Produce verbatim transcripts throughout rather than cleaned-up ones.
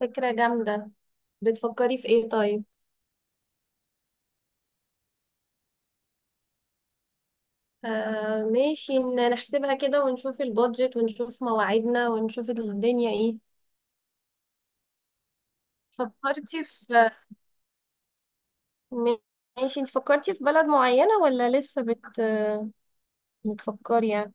فكرة جامدة. بتفكري في ايه طيب؟ آه ماشي، ن- نحسبها كده ونشوف البادجت ونشوف مواعيدنا ونشوف الدنيا ايه. فكرتي في. م- ماشي، انت فكرتي في بلد معينة ولا لسه بت بتفكري يعني؟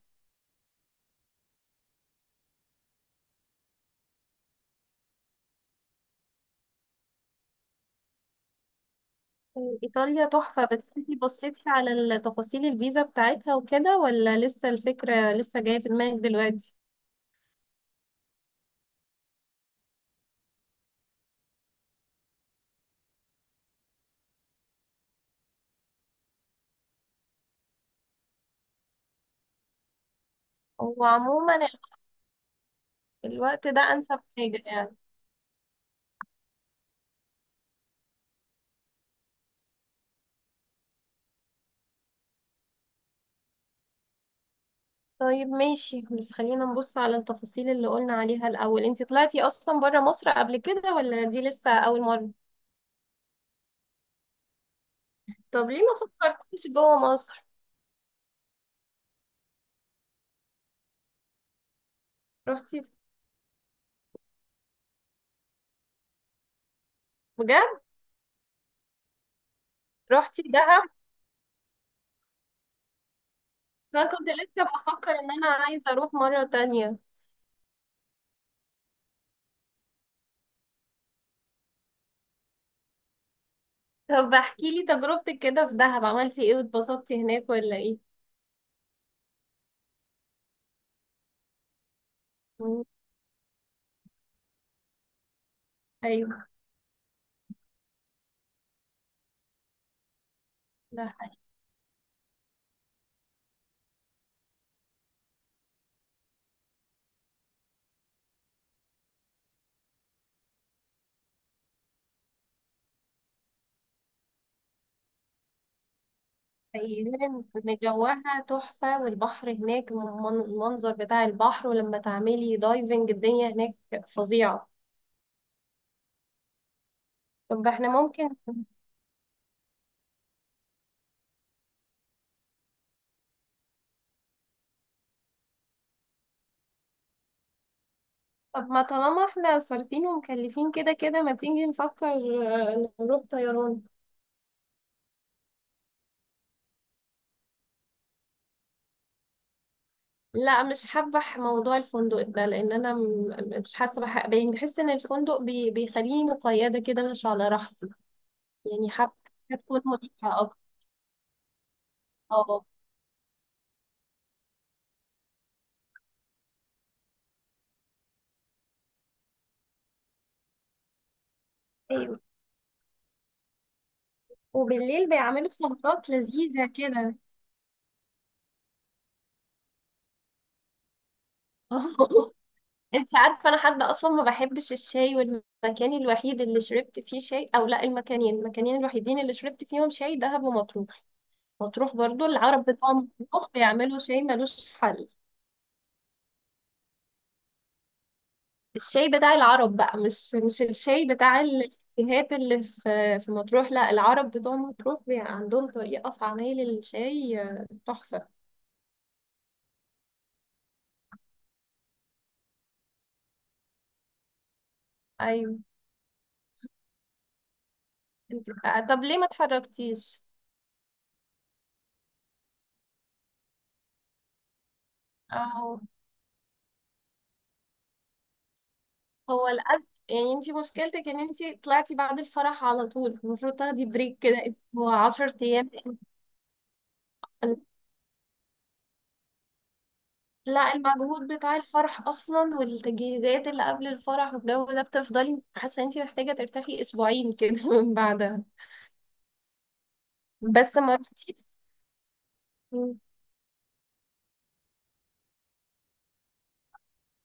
ايطاليا تحفة، بس انت بصيتي على ال- تفاصيل الفيزا بتاعتها وكده، ولا لسه الفكرة لسه جاية في دماغك دلوقتي؟ هو عموما ال- الوقت ده انسب حاجة يعني. طيب ماشي، بس خلينا نبص على التفاصيل اللي قلنا عليها الأول. انت طلعتي أصلا برا مصر قبل كده، ولا دي لسه أول مرة؟ طب ليه ما فكرتيش جوه مصر؟ رحتي؟ بجد؟ رحتي دهب؟ بس أنا كنت لسه بفكر إن أنا عايزة أروح مرة تانية. طب احكي لي تجربتك كده في دهب، عملتي إيه واتبسطتي هناك ولا إيه؟ مم، أيوه، ده حقيقي لأن جواها تحفة والبحر هناك، المن- المنظر بتاع البحر، ولما تعملي دايفنج الدنيا هناك فظيعة. طب احنا ممكن. طب ما طالما احنا صارفين ومكلفين كده كده ما تيجي نفكر، آه، نروح طيران. لا، مش حابة، ح- موضوع الفندق ده، لان انا م- مش حاسة بح- يعني بحس ان الفندق بي بيخليني مقيدة كده، مش على راحتي. يعني حابة تكون مريحة اكتر. اه، ايوه، وبالليل بيعملوا سهرات لذيذة كده. انت عارفة انا حد اصلا ما بحبش الشاي، والمكان الوحيد اللي شربت فيه شاي، او لا المكانين المكانين الوحيدين اللي شربت فيهم شاي، دهب ومطروح. مطروح برضو، العرب بتوع مطروح بيعملوا شاي ملوش حل. الشاي بتاع العرب بقى مش مش الشاي بتاع الكافيهات اللي في في مطروح. لا، العرب بتوع مطروح بي- عندهم طريقة في عمايل الشاي، آه، تحفة. أيوة. انت، آه، طب ليه ما اتحركتيش؟ اه. هو الأز يعني انت مشكلتك ان انت طلعتي بعد الفرح على طول. المفروض تاخدي بريك كده اسبوع عشرة ايام أيام. لا، المجهود بتاع الفرح اصلا والتجهيزات اللي قبل الفرح والجو ده، بتفضلي حاسه ان انت محتاجه ترتاحي اسبوعين كده من بعدها. بس ما رحتي.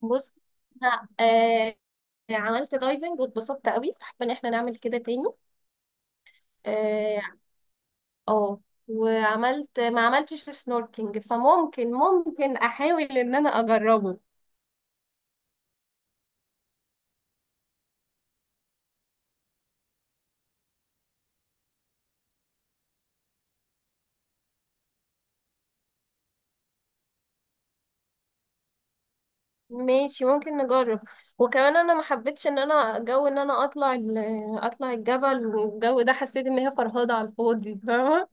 بص، انا آه عملت دايفنج واتبسطت قوي، فحابه ان احنا نعمل كده تاني. اه. آه. وعملت ما عملتش سنوركينج، فممكن ممكن احاول ان انا اجربه. ماشي، ممكن نجرب. وكمان انا ما حبيتش ان انا جو ان انا اطلع ال- اطلع الجبل، والجو ده حسيت ان هي فرهضة على الفاضي، فاهمة؟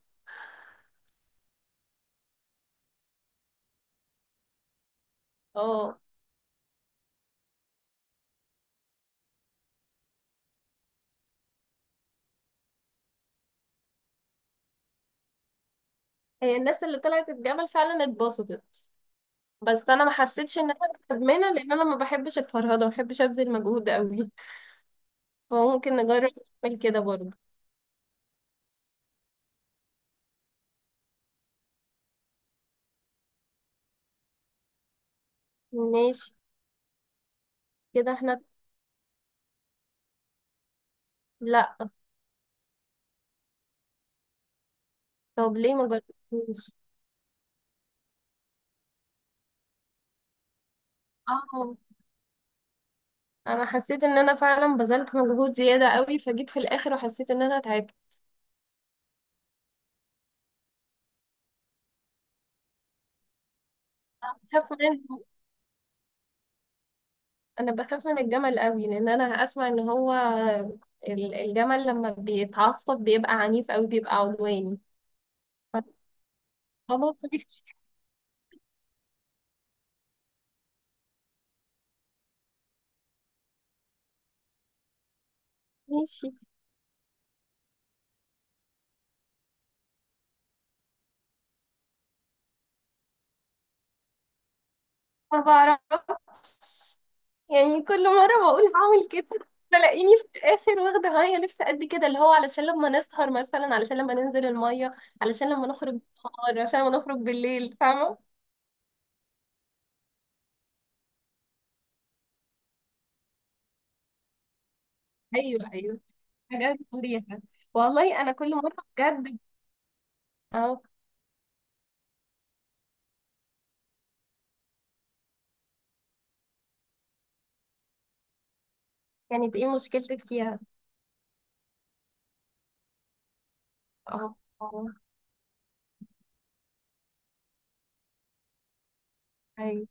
اه، هي الناس اللي طلعت الجبل فعلا اتبسطت. بس انا ما حسيتش ان انا مدمنة، لان انا ما بحبش الفرهضة، ما بحبش ابذل مجهود قوي. فممكن نجرب نعمل كده برضه. ماشي. كده احنا. لا. طب ليه ما جربتوش؟ اه، انا حسيت ان انا فعلا بذلت مجهود زيادة قوي، فجيت في الاخر وحسيت ان انا تعبت. أخاف منهم. انا بخاف من الجمل قوي، لان انا اسمع ان هو ال- الجمل لما بيتعصب بيبقى عنيف قوي، بيبقى عدواني. ف- خلاص ماشي. ماشي. ما بعرفش، يعني كل مرة بقول هعمل كده، تلاقيني في الآخر واخدة معايا لبس قد كده، اللي هو علشان لما نسهر مثلا، علشان لما ننزل المية، علشان لما نخرج بالنهار، علشان لما نخرج بالليل، فاهمة؟ ايوه، ايوه، حاجات مريحة. والله أنا كل مرة بجد. أهو. يعني إنت إيه مشكلتك فيها؟ أهو. أيوة.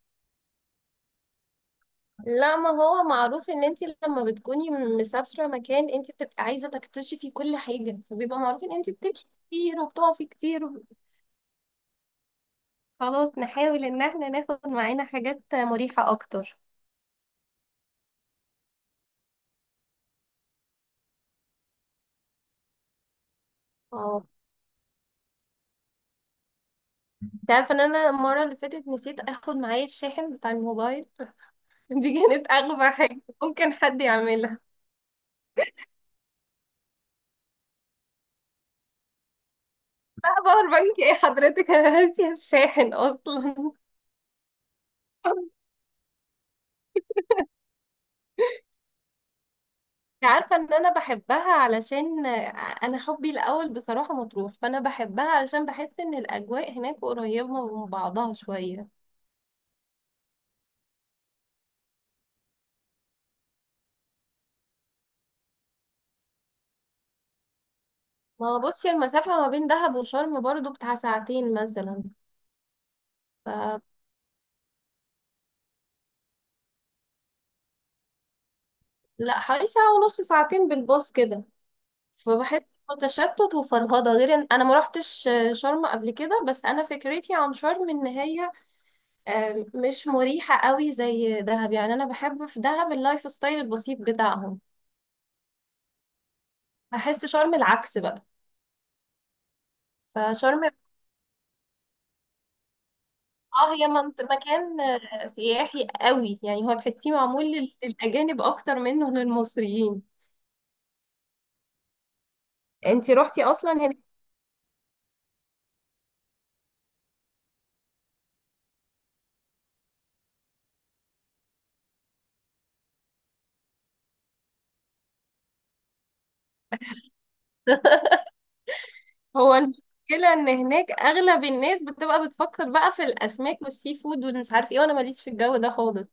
لا، ما هو معروف ان انت لما بتكوني مسافره مكان، انت بتبقي عايزه تكتشفي كل حاجه، فبيبقى معروف ان انت بتمشي كتير وبتقفي كتير وب- خلاص، نحاول ان احنا ناخد معانا حاجات مريحه اكتر. اه، انت عارفه ان انا المره اللي فاتت نسيت اخد معايا الشاحن بتاع الموبايل. دي كانت اغبى حاجه ممكن حد يعملها. لا، باور بانك ايه حضرتك؟ انا ناسيه الشاحن اصلا. عارفة ان انا بحبها، علشان انا حبي الاول بصراحة مطروح، فانا بحبها علشان بحس ان الاجواء هناك قريبة من بعضها شوية. ما هو بصي، المسافة ما بين دهب وشرم برضو بتاع ساعتين مثلا. ف... لا حوالي ساعة ونص، ساعتين بالباص كده. فبحس إنه تشتت وفرهضة، غير ان انا ما روحتش شرم قبل كده، بس انا فكرتي عن شرم ان هي آم، مش مريحة قوي زي دهب. يعني انا بحب في دهب اللايف ستايل البسيط بتاعهم. بحس شرم العكس بقى. فشرم، اه، هي منط- مكان آه، سياحي قوي، يعني هو تحسيه معمول لل- للأجانب أكتر منه للمصريين. انتي روحتي أصلا هناك؟ هو المشكلة إن هناك أغلب الناس بتبقى بتفكر بقى في الأسماك والسي فود ومش عارف ايه، وأنا ماليش في الجو ده خالص.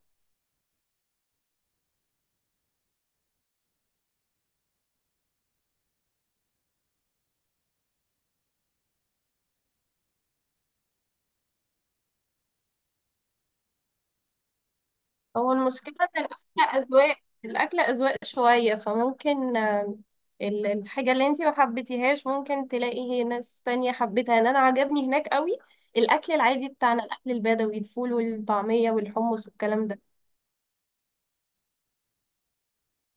هو المشكلة إن الأكل أذواق الأكل أذواق شوية، فممكن آه، ال- الحاجة اللي انتي ما حبيتيهاش ممكن تلاقي ناس تانية حبيتها. يعني أنا عجبني هناك قوي. الأكل العادي بتاعنا، الأكل البدوي، الفول والطعمية والحمص والكلام ده.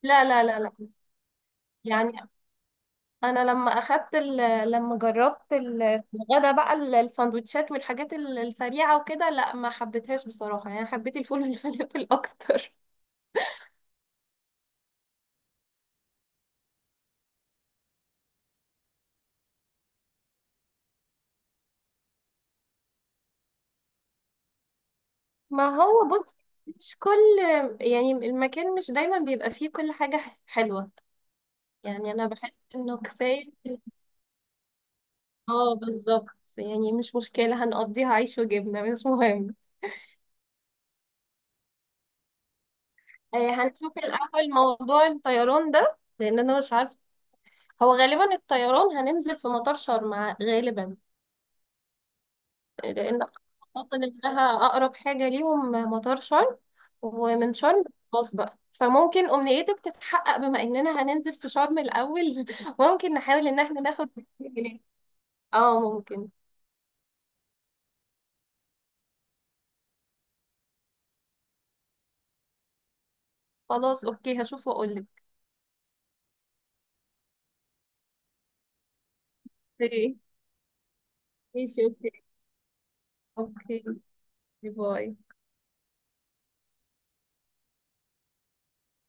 لا، لا، لا، لا. يعني أنا لما أخدت ال- لما جربت ال- الغدا بقى ال- السندوتشات والحاجات ال- السريعة وكده. لا، ما حبيتهاش بصراحة، يعني حبيت الفول والفلافل أكتر. ما هو بص، مش كل، يعني المكان مش دايما بيبقى فيه كل حاجة ح- حلوة. يعني أنا بحس إنه كفاية. اه بالظبط، يعني مش مشكلة، هنقضيها عيش وجبنة، مش مهم. آه، هنشوف الأول موضوع الطيران ده، لأن أنا مش عارفة. هو غالبا الطيران هننزل في مطار شرم، ع- غالبا. لأن أعتقد إنها أقرب حاجة ليهم مطار شرم. ومن شرم خلاص بقى، فممكن أمنيتك تتحقق بما إننا هننزل في شرم الأول. ممكن نحاول إن احنا ناخد جنيه. اه، ممكن. خلاص، أوكي هشوف وأقولك. أوكي، ماشي، أوكي، أوكي، باي.